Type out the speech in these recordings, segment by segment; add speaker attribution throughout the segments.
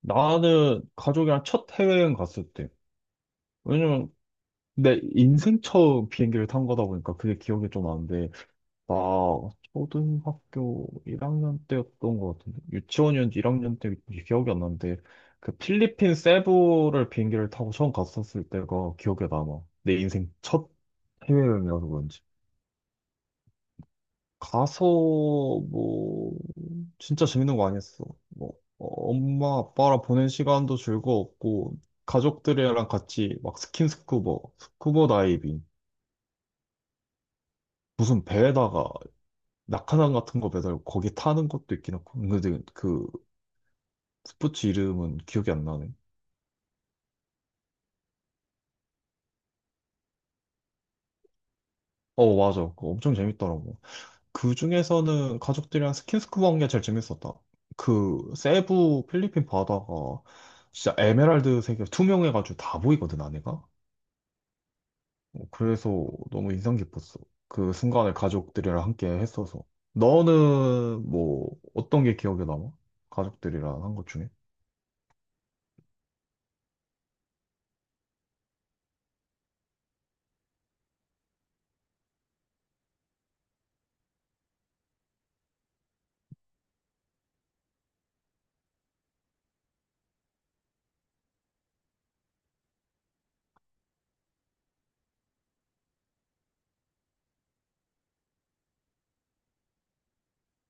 Speaker 1: 나는 가족이랑 첫 해외여행 갔을 때. 왜냐면 내 인생 처음 비행기를 탄 거다 보니까 그게 기억이 좀 나는데, 나 초등학교 1학년 때였던 것 같은데, 유치원이었는지 1학년 때 기억이 안 나는데, 그 필리핀 세부를 비행기를 타고 처음 갔었을 때가 기억에 남아. 내 인생 첫 해외여행이라서 그런지. 가서 뭐 진짜 재밌는 거 아니었어. 뭐 엄마 아빠랑 보낸 시간도 즐거웠고 가족들이랑 같이 막 스킨스쿠버, 스쿠버 다이빙 무슨 배에다가 낙하산 같은 거 매달고 거기 타는 것도 있긴 하고 근데 그 스포츠 이름은 기억이 안 나네. 어 맞아. 그거 엄청 재밌더라고. 그 중에서는 가족들이랑 스킨스쿠버 한 게 제일 재밌었다. 그 세부 필리핀 바다가 진짜 에메랄드색이 투명해가지고 다 보이거든 안에가. 어, 그래서 너무 인상 깊었어. 그 순간을 가족들이랑 함께 했어서. 너는 뭐 어떤 게 기억에 남아? 가족들이랑 한 것 중에?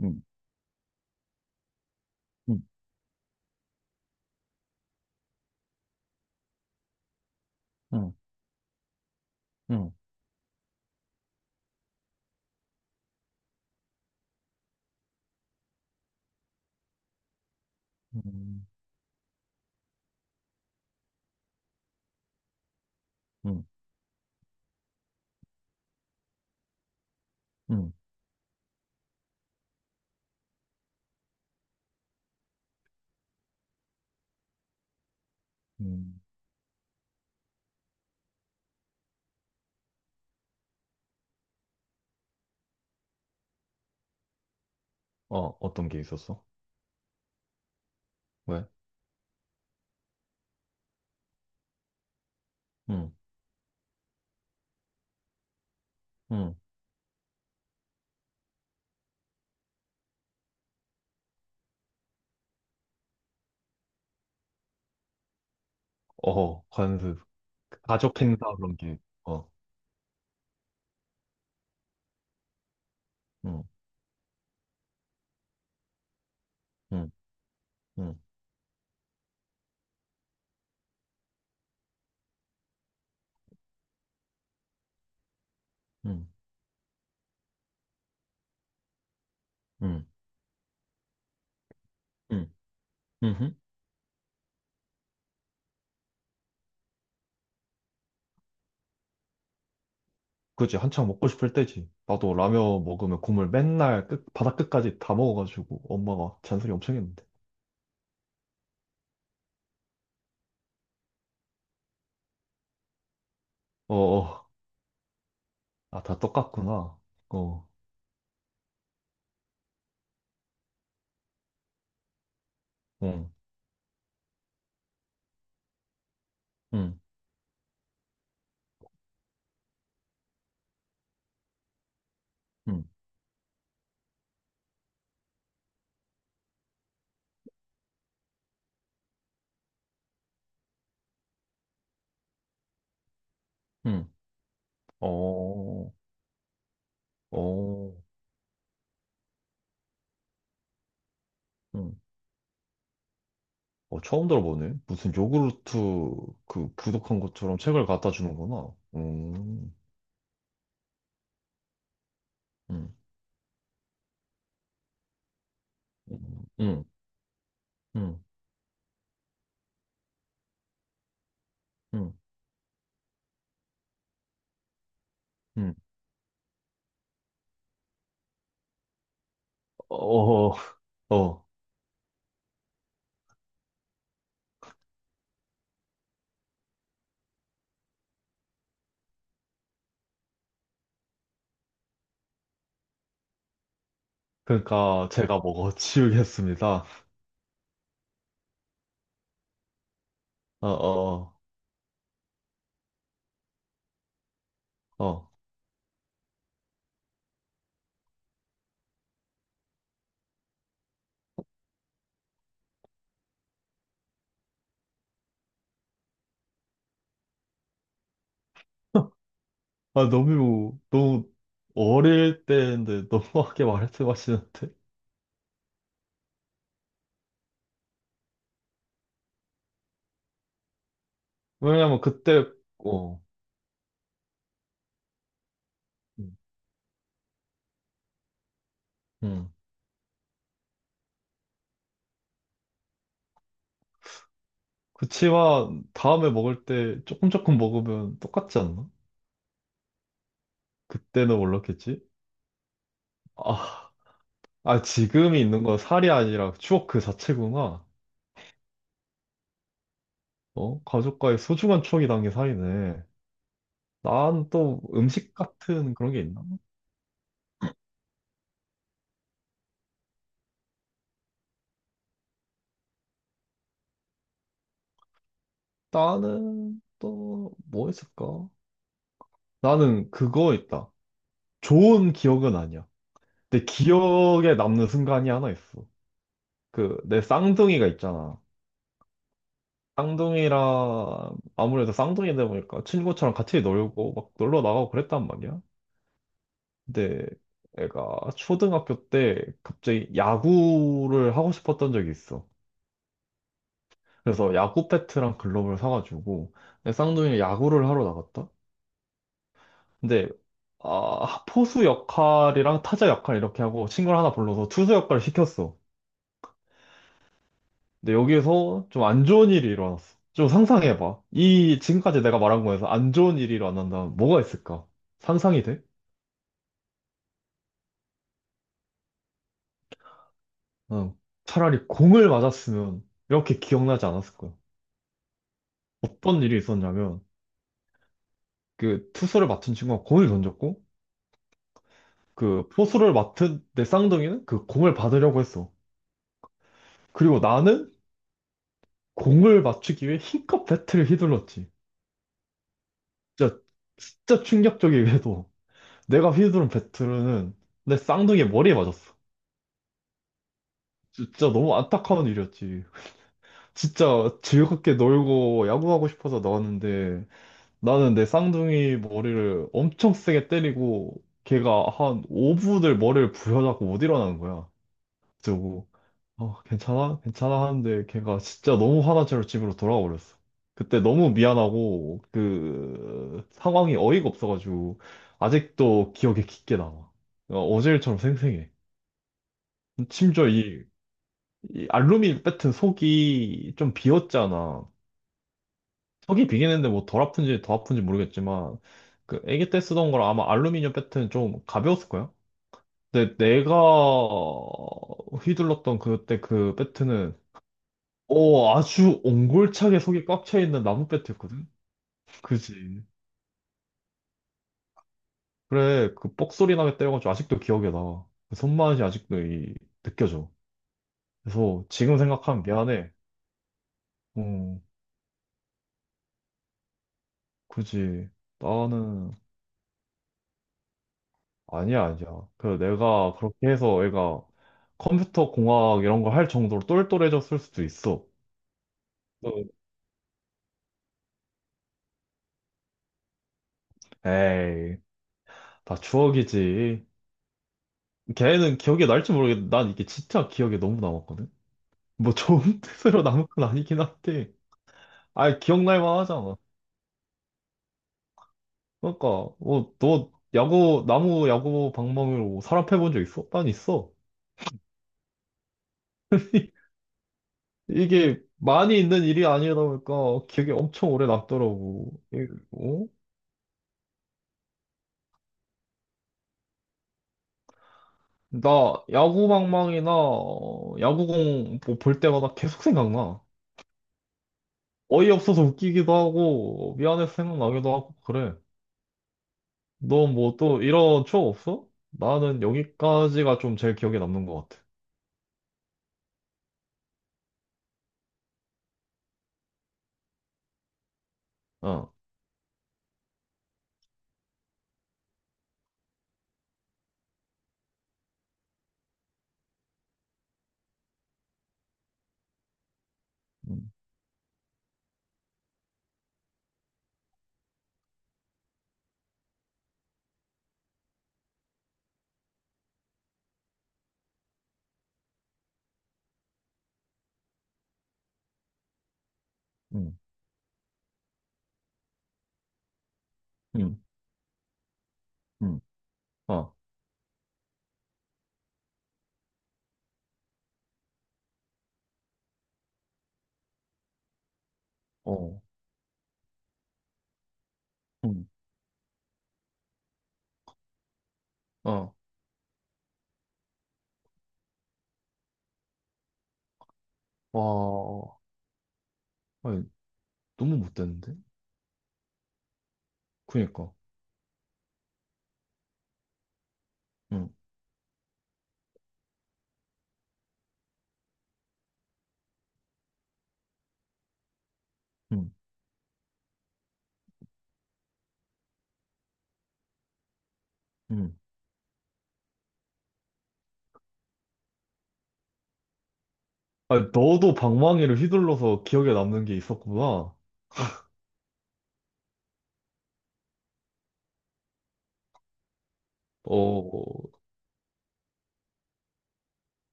Speaker 1: 응 응 응 응 음, 응응 음. 어, 어떤 게 있었어? 왜? 응 응 어, 관습, 가족 행사 그런 게, 어, 응 응 응 응 응 응응 그지 한창 먹고 싶을 때지. 나도 라면 먹으면 국물 맨날 끝, 바닥 끝까지 다 먹어가지고 엄마가 잔소리 엄청 했는데. 어, 어. 아, 다 똑같구나. 어, 응, 응, 응, 응. 어, 어, 응. 어, 처음 들어보네. 무슨 요구르트 그 구독한 것처럼 책을 갖다 주는구나. 응, 응, 응, 응, 응. 어, 어. 그러니까 제가 먹어 치우겠습니다. 어, 어, 어. 아, 너무, 너무 어릴 때인데 너무하게 말씀하시는데? 왜냐면 그때, 어. 응. 응. 그치와 다음에 먹을 때 조금 조금 먹으면 똑같지 않나? 그때는 몰랐겠지? 아, 아 지금이 있는 건 살이 아니라 추억 그 자체구나. 어? 가족과의 소중한 추억이 담긴 살이네. 난 또 음식 같은 그런 게 있나? 나는 또 뭐 있을까? 나는 그거 있다. 좋은 기억은 아니야. 내 기억에 남는 순간이 하나 있어. 그 내 쌍둥이가 있잖아. 쌍둥이랑 아무래도 쌍둥이다 보니까 친구처럼 같이 놀고 막 놀러 나가고 그랬단 말이야. 근데 애가 초등학교 때 갑자기 야구를 하고 싶었던 적이 있어. 그래서 야구 배트랑 글러브를 사가지고 내 쌍둥이는 야구를 하러 나갔다. 근데 아, 포수 역할이랑 타자 역할 이렇게 하고 친구를 하나 불러서 투수 역할을 시켰어. 근데 여기서 좀 안 좋은 일이 일어났어. 좀 상상해봐. 이 지금까지 내가 말한 거에서 안 좋은 일이 일어난다면 뭐가 있을까? 상상이 돼? 응. 차라리 공을 맞았으면 이렇게 기억나지 않았을 거야. 어떤 일이 있었냐면 그 투수를 맡은 친구가 공을 던졌고 그 포수를 맡은 내 쌍둥이는 그 공을 받으려고 했어. 그리고 나는 공을 맞추기 위해 힘껏 배트를 휘둘렀지. 진짜 진짜 충격적이게도 내가 휘두른 배트는 내 쌍둥이의 머리에 맞았어. 진짜 너무 안타까운 일이었지. 진짜 즐겁게 놀고 야구하고 싶어서 나왔는데 나는 내 쌍둥이 머리를 엄청 세게 때리고 걔가 한 5분을 머리를 부여잡고 못 일어나는 거야. 그래서 어, 괜찮아? 괜찮아 하는데 걔가 진짜 너무 화난 채로 집으로 돌아와 버렸어. 그때 너무 미안하고 그 상황이 어이가 없어가지고 아직도 기억에 깊게 남아. 어, 어제 일처럼 생생해. 심지어 이 알루미 늄 배트 속이 좀 비었잖아. 속이 비긴 했는데 뭐 덜 아픈지 더 아픈지 모르겠지만 그 아기 때 쓰던 거랑 아마 알루미늄 배트는 좀 가벼웠을 거야. 근데 내가 휘둘렀던 그때 그 배트는 어 아주 옹골차게 속이 꽉 차 있는 나무 배트였거든. 그지. 그래 그 뻑소리 나게 때려가지고 아직도 기억에 나. 그 손맛이 아직도 이, 느껴져. 그래서 지금 생각하면 미안해. 어 그지. 나는 아니야, 아니야. 그 내가 그렇게 해서 애가 컴퓨터 공학 이런 거 할 정도로 똘똘해졌을 수도 있어. 어. 에이, 다 추억이지. 걔는 기억이 날지 모르겠는데 난 이게 진짜 기억에 너무 남았거든. 뭐 좋은 뜻으로 남은 건 아니긴 한데. 아이 기억날 만하잖아. 그러니까 뭐 너 야구 나무 야구 방망이로 사람 패본 적 있어? 난 있어. 이게 많이 있는 일이 아니다 보니까 기억에 엄청 오래 남더라고. 이- 어? 나 야구방망이나 어, 야구공 뭐볼 때마다 계속 생각나. 어이없어서 웃기기도 하고 미안해서 생각나기도 하고 그래. 너 뭐 또 이런 추억 없어? 나는 여기까지가 좀 제일 기억에 남는 것 같아. 어, 음, 음, 음, 음, 어, 어, 음, 어, 와, 아니, 너무 못됐는데? 그니까, 응 응 응 아니, 너도 방망이를 휘둘러서 기억에 남는 게 있었구나. 어,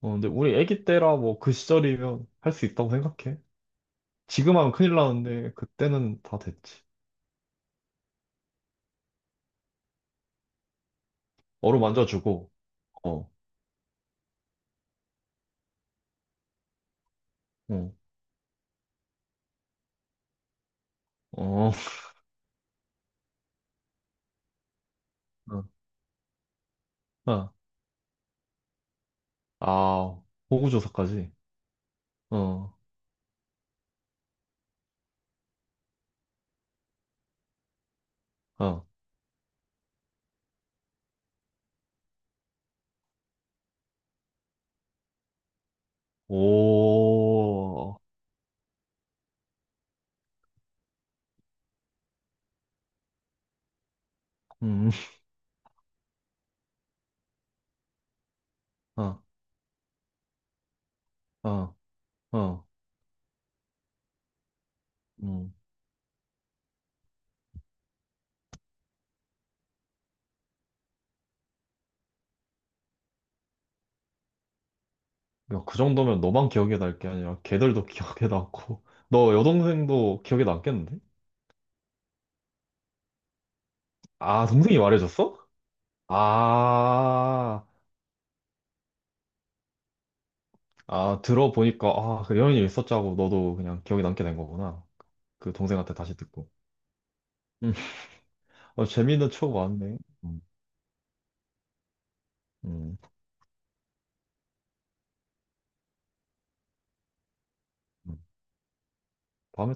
Speaker 1: 어, 근데 우리 애기 때라 뭐 그 시절이면 할 수 있다고 생각해. 지금 하면 큰일 나는데 그때는 다 됐지. 어루 만져주고, 어, 어, 어, 어, 어. 아, 호구 조사까지. 어, 어, 오, 음, 어, 어, 어, 음. 야, 그 정도면 너만 기억에 날 게 아니라 걔들도 기억에 남고, 너 여동생도 기억에 남겠는데? 아, 동생이 말해줬어? 아, 아, 들어보니까, 아, 그 이런 일 있었자고 너도 그냥 기억에 남게 된 거구나. 그 동생한테 다시 듣고. 음, 어, 재밌는 추억 많네. 음, 음, 음. 다음에